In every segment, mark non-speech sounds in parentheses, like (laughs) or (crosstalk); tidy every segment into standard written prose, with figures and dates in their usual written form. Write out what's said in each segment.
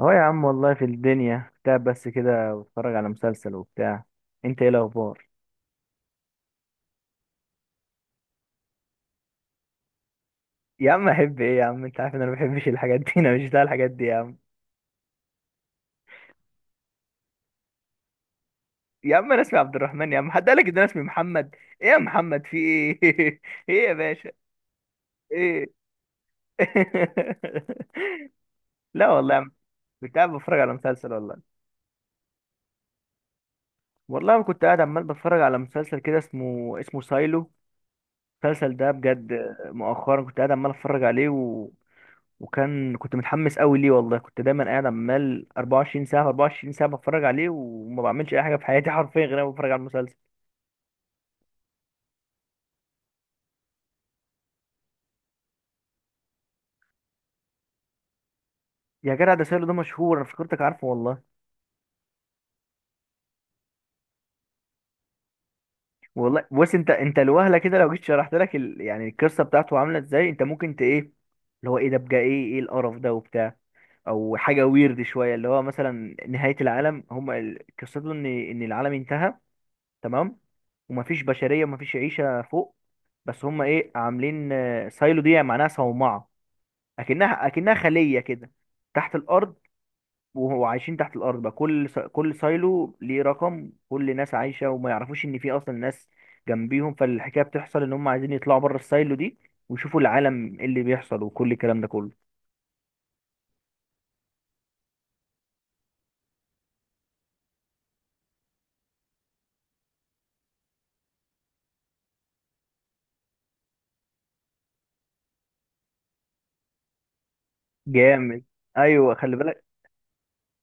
اهو يا عم، والله في الدنيا كنت قاعد بس كده بتفرج على مسلسل وبتاع. انت ايه الاخبار؟ يا عم احب ايه يا عم، انت عارف ان انا ما بحبش الحاجات دي. (laughs) انا مش بتاع الحاجات دي يا عم. يا عم انا اسمي عبد الرحمن يا عم، حد قالك ان انا اسمي محمد؟ ايه يا محمد، في ايه؟ (laughs) ايه يا باشا؟ ايه؟ (laughs) لا والله يا عم، كنت قاعد بتفرج على مسلسل والله. والله كنت قاعد عمال بتفرج على مسلسل كده، اسمه سايلو. المسلسل ده بجد، مؤخرا كنت قاعد عمال اتفرج عليه. وكان كنت متحمس قوي ليه، والله كنت دايما قاعد عمال 24 ساعه في 24 ساعه بتفرج عليه، وما بعملش اي حاجه في حياتي (laughs) حرفيا غير انا بتفرج على المسلسل. يا جدع ده سيرو ده مشهور، انا فكرتك عارفه والله. والله بص، انت الوهله كده لو جيت شرحت لك يعني القصه بتاعته عامله ازاي، انت ممكن ايه اللي هو ايه ده بقى ايه القرف ده وبتاع، او حاجه، ويرد شويه اللي هو مثلا نهايه العالم. هم قصته ان العالم انتهى. تمام، ومفيش بشريه ومفيش عيشه فوق. بس هم ايه عاملين، سايلو دي معناها صومعه، اكنها خليه كده تحت الارض. وهو عايشين تحت الارض بقى، كل سايلو ليه رقم، كل ناس عايشه وما يعرفوش ان في اصلا ناس جنبيهم. فالحكايه بتحصل ان هم عايزين يطلعوا بره السايلو دي، ويشوفوا العالم إيه اللي بيحصل وكل الكلام ده كله. جامد. ايوه خلي بالك.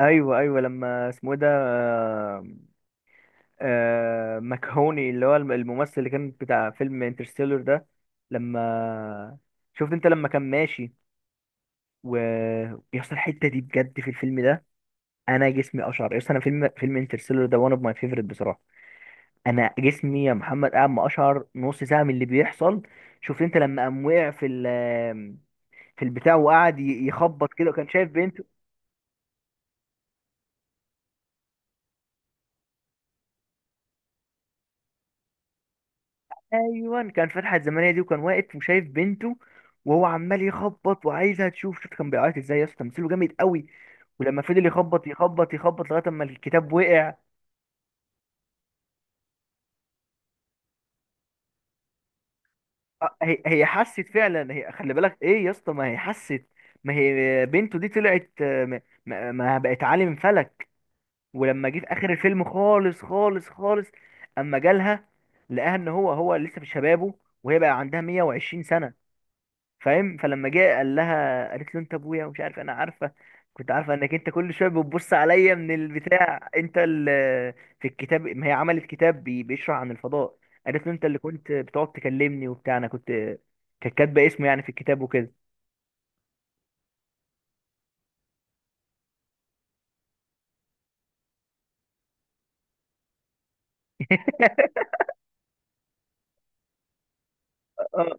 ايوه، ايوه، لما اسمه إيه ده مكهوني، اللي هو الممثل اللي كان بتاع فيلم انترستيلر ده. لما شفت انت لما كان ماشي ويحصل الحته دي بجد في الفيلم ده، انا جسمي اشعر، يس انا فيلم انترستيلر ده وان اوف ماي فيفرت بصراحه. انا جسمي يا محمد قاعد ما اشعر نص ساعه من اللي بيحصل. شفت انت لما قام وقع في البتاع، وقعد يخبط كده، وكان شايف بنته. ايوه، كان في الحلقه الزمنيه دي، وكان واقف وشايف بنته، وهو عمال يخبط وعايزها تشوف. شوف كان بيعيط ازاي يا اسطى، تمثيله جامد قوي. ولما فضل يخبط يخبط يخبط لغايه اما الكتاب وقع. هي حست فعلا، هي خلي بالك ايه يا اسطى، ما هي حست. ما هي بنته دي طلعت، ما بقت عالم فلك. ولما جه في اخر الفيلم خالص خالص خالص، اما جالها لقاها ان هو هو لسه في شبابه، وهي بقى عندها 120 سنه. فاهم؟ فلما جه قال لها، قالت له: انت ابويا ومش عارف، انا عارفه، كنت عارفه انك انت كل شويه بتبص عليا من البتاع، انت اللي في الكتاب، ما هي عملت كتاب بيشرح عن الفضاء. قالت له: انت اللي كنت بتقعد تكلمني وبتاع. انا كنت كانت كاتبه اسمه يعني في الكتاب وكده. اه،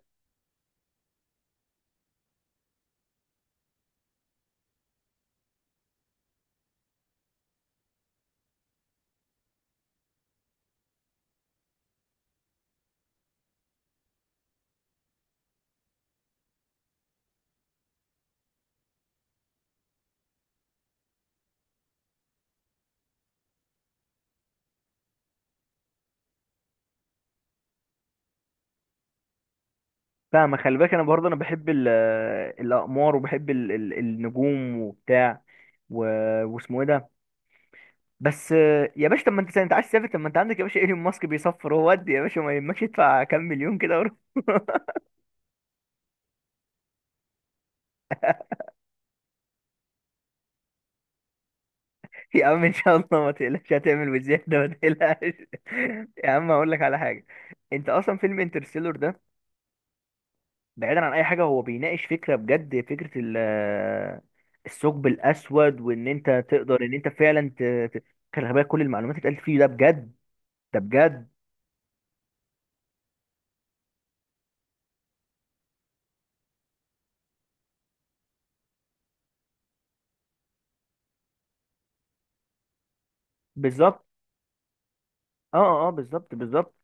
فاهمة خلي بالك، انا برضه انا بحب الاقمار، وبحب النجوم وبتاع، و... واسمه ايه ده؟ بس يا باشا، طب ما انت عايز تسافر، طب ما انت عندك يا باشا ايلون ماسك بيصفر هو، ودي يا باشا ما يهمكش، ادفع كام مليون كده وروح. يا عم ان شاء الله ما تقلقش، هتعمل بزيادة ما تقلقش. (laughs) يا عم هقول لك على حاجة، انت اصلا فيلم انترستيلر ده بعيدا عن اي حاجة هو بيناقش فكرة بجد، فكرة الثقب الاسود، وان انت تقدر، ان انت فعلا خلي بالك كل المعلومات اللي اتقالت فيه ده بجد، ده بجد. بالظبط، اه، اه، بالظبط، بالظبط.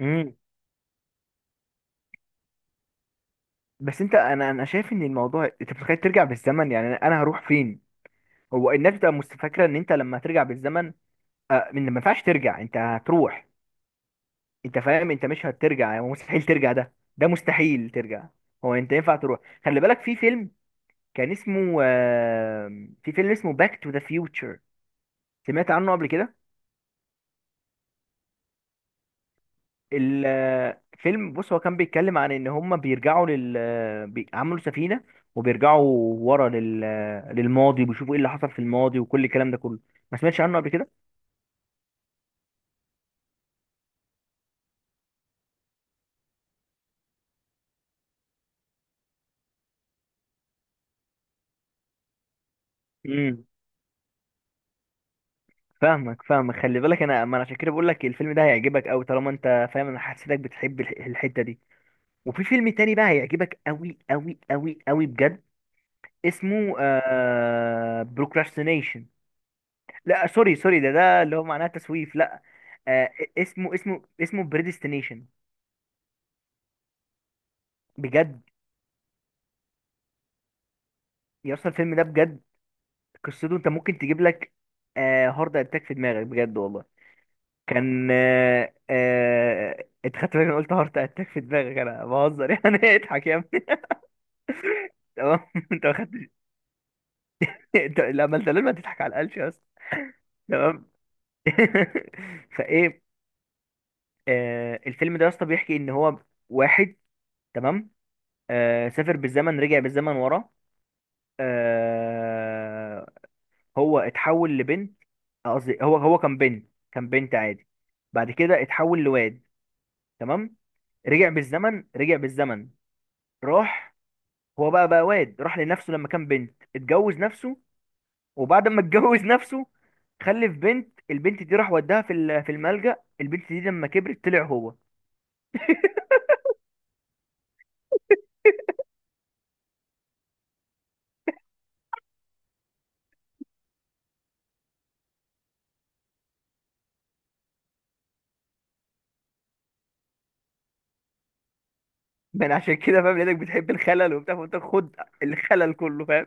امم. بس انت انا انا شايف ان الموضوع، انت متخيل ترجع بالزمن يعني انا هروح فين. هو الناس بتبقى فاكره ان انت لما ترجع بالزمن، آه، من ما ينفعش ترجع، انت هتروح، انت فاهم، انت مش هترجع يعني مستحيل ترجع، ده مستحيل ترجع. هو انت ينفع تروح، خلي بالك في فيلم كان اسمه. في فيلم اسمه باك تو ذا فيوتشر، سمعت عنه قبل كده؟ الفيلم بص، هو كان بيتكلم عن ان هم بيرجعوا عملوا سفينة، وبيرجعوا ورا لل... آه، للماضي، وبيشوفوا ايه اللي حصل في الماضي وكل الكلام ده كله. ما سمعتش عنه قبل كده؟ امم، فاهمك فاهمك، خلي بالك، ما انا عشان كده بقول لك الفيلم ده هيعجبك قوي، طالما انت فاهم انا حسيتك بتحب الحتة دي. وفي فيلم تاني بقى هيعجبك قوي قوي قوي قوي بجد، اسمه بروكراستينيشن، لا سوري، سوري، ده اللي هو معناه تسويف، لا. آه اسمه بريديستينيشن. بجد يا اسطى الفيلم ده بجد، قصته، انت ممكن تجيب لك هارت اتاك في دماغك بجد والله. كان آه آه انت خدت بالك، انا قلت هارت اتاك في دماغك، انا بهزر يعني. (laughs) اضحك يا ابني. تمام. (laughs) انت ما خدتش. (laughs) لا ما انت لازم تضحك على القلش يا اسطى. تمام. (laughs) فايه، الفيلم ده يا اسطى بيحكي ان هو واحد، تمام، سافر بالزمن، رجع بالزمن ورا، آه هو اتحول لبنت. قصدي هو هو كان بنت، كان بنت عادي. بعد كده اتحول لواد، تمام. رجع بالزمن، رجع بالزمن، راح، هو بقى واد راح لنفسه لما كان بنت، اتجوز نفسه. وبعد ما (laughs) اتجوز نفسه، خلف بنت. البنت دي راح وداها في الملجأ. البنت دي لما كبرت طلع هو. عشان كده فاهم، لانك بتحب الخلل وبتاع فانت خد الخلل كله فاهم.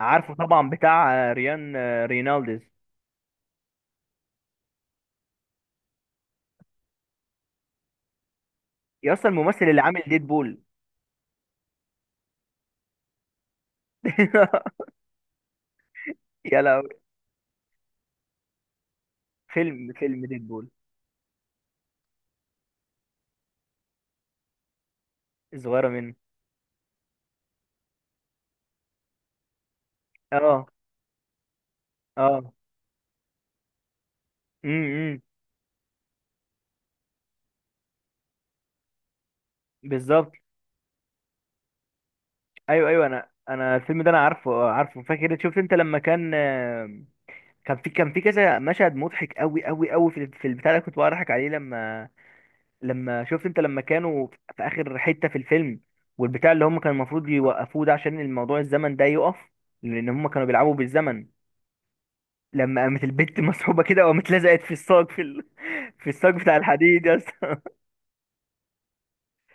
عارفه طبعا، بتاع ريان رينالديز. يا، اصلا الممثل اللي عامل ديدبول. (laughs) يا لهوي، فيلم ديدبول، الصغيره منه. اه، اه. امم. بالظبط. ايوه، ايوه، انا الفيلم ده انا عارفه، عارفه، فاكر، شفت انت لما كان، كان في كذا مشهد مضحك قوي قوي قوي، في البتاع اللي كنت بقى عليه، لما شفت انت لما كانوا في اخر حتة في الفيلم، والبتاع اللي هم كان المفروض يوقفوه ده عشان الموضوع الزمن ده يقف، لان هم كانوا بيلعبوا بالزمن. لما قامت البت (laughs) مسحوبة كده وقامت لزقت في الصاج، في الصاج بتاع الحديد يا اسطى.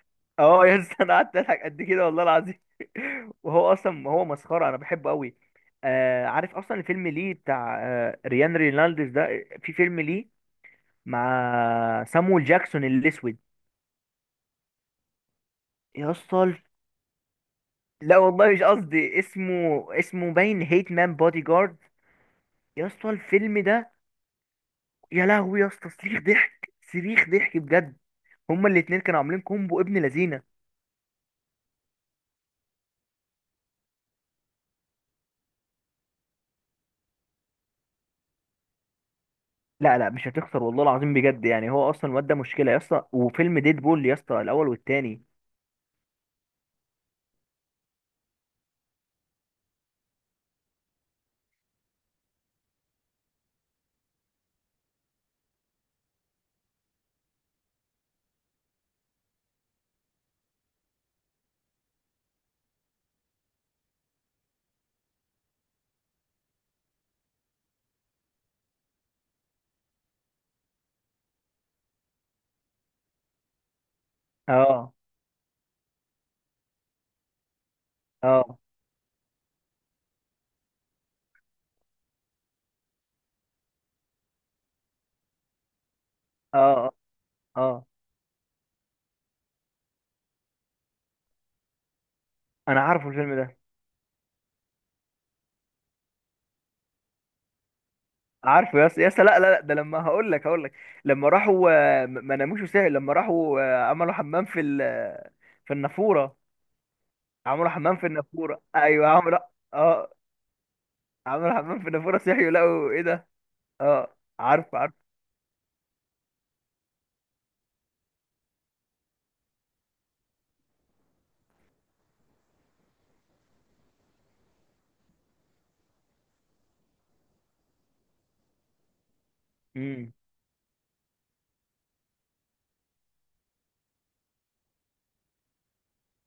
(laughs) اه يا اسطى، انا قعدت اضحك قد كده والله العظيم. (laughs) وهو اصلا هو مسخرة، انا بحبه قوي. عارف اصلا الفيلم ليه بتاع ريان رينالديز ده، في فيلم ليه مع سامويل جاكسون الاسود. يا اسطى لا والله مش قصدي، اسمه باين هيت مان بودي جارد. يا اسطى الفيلم ده، يا لهوي يا اسطى، صريخ ضحك صريخ ضحك بجد. هما الاتنين كانوا عاملين كومبو ابن لذينه. لا، لا، مش هتخسر والله العظيم بجد يعني، هو اصلا الواد ده مشكله يا اسطى، وفيلم ديد بول يا اسطى الاول والتاني. اه، اه، اه، اه، انا عارفه الفيلم ده. عارفه يا اسطى، يا اسطى، لا، لا، لا، ده لما هقول لك. لما راحوا ما ناموش وسهل، لما راحوا عملوا حمام في النافوره. عملوا حمام في النافوره، ايوه عملوا. اه، عملوا حمام في النافوره، صحيوا لقوا ايه ده. اه، عارف، عارف. مم.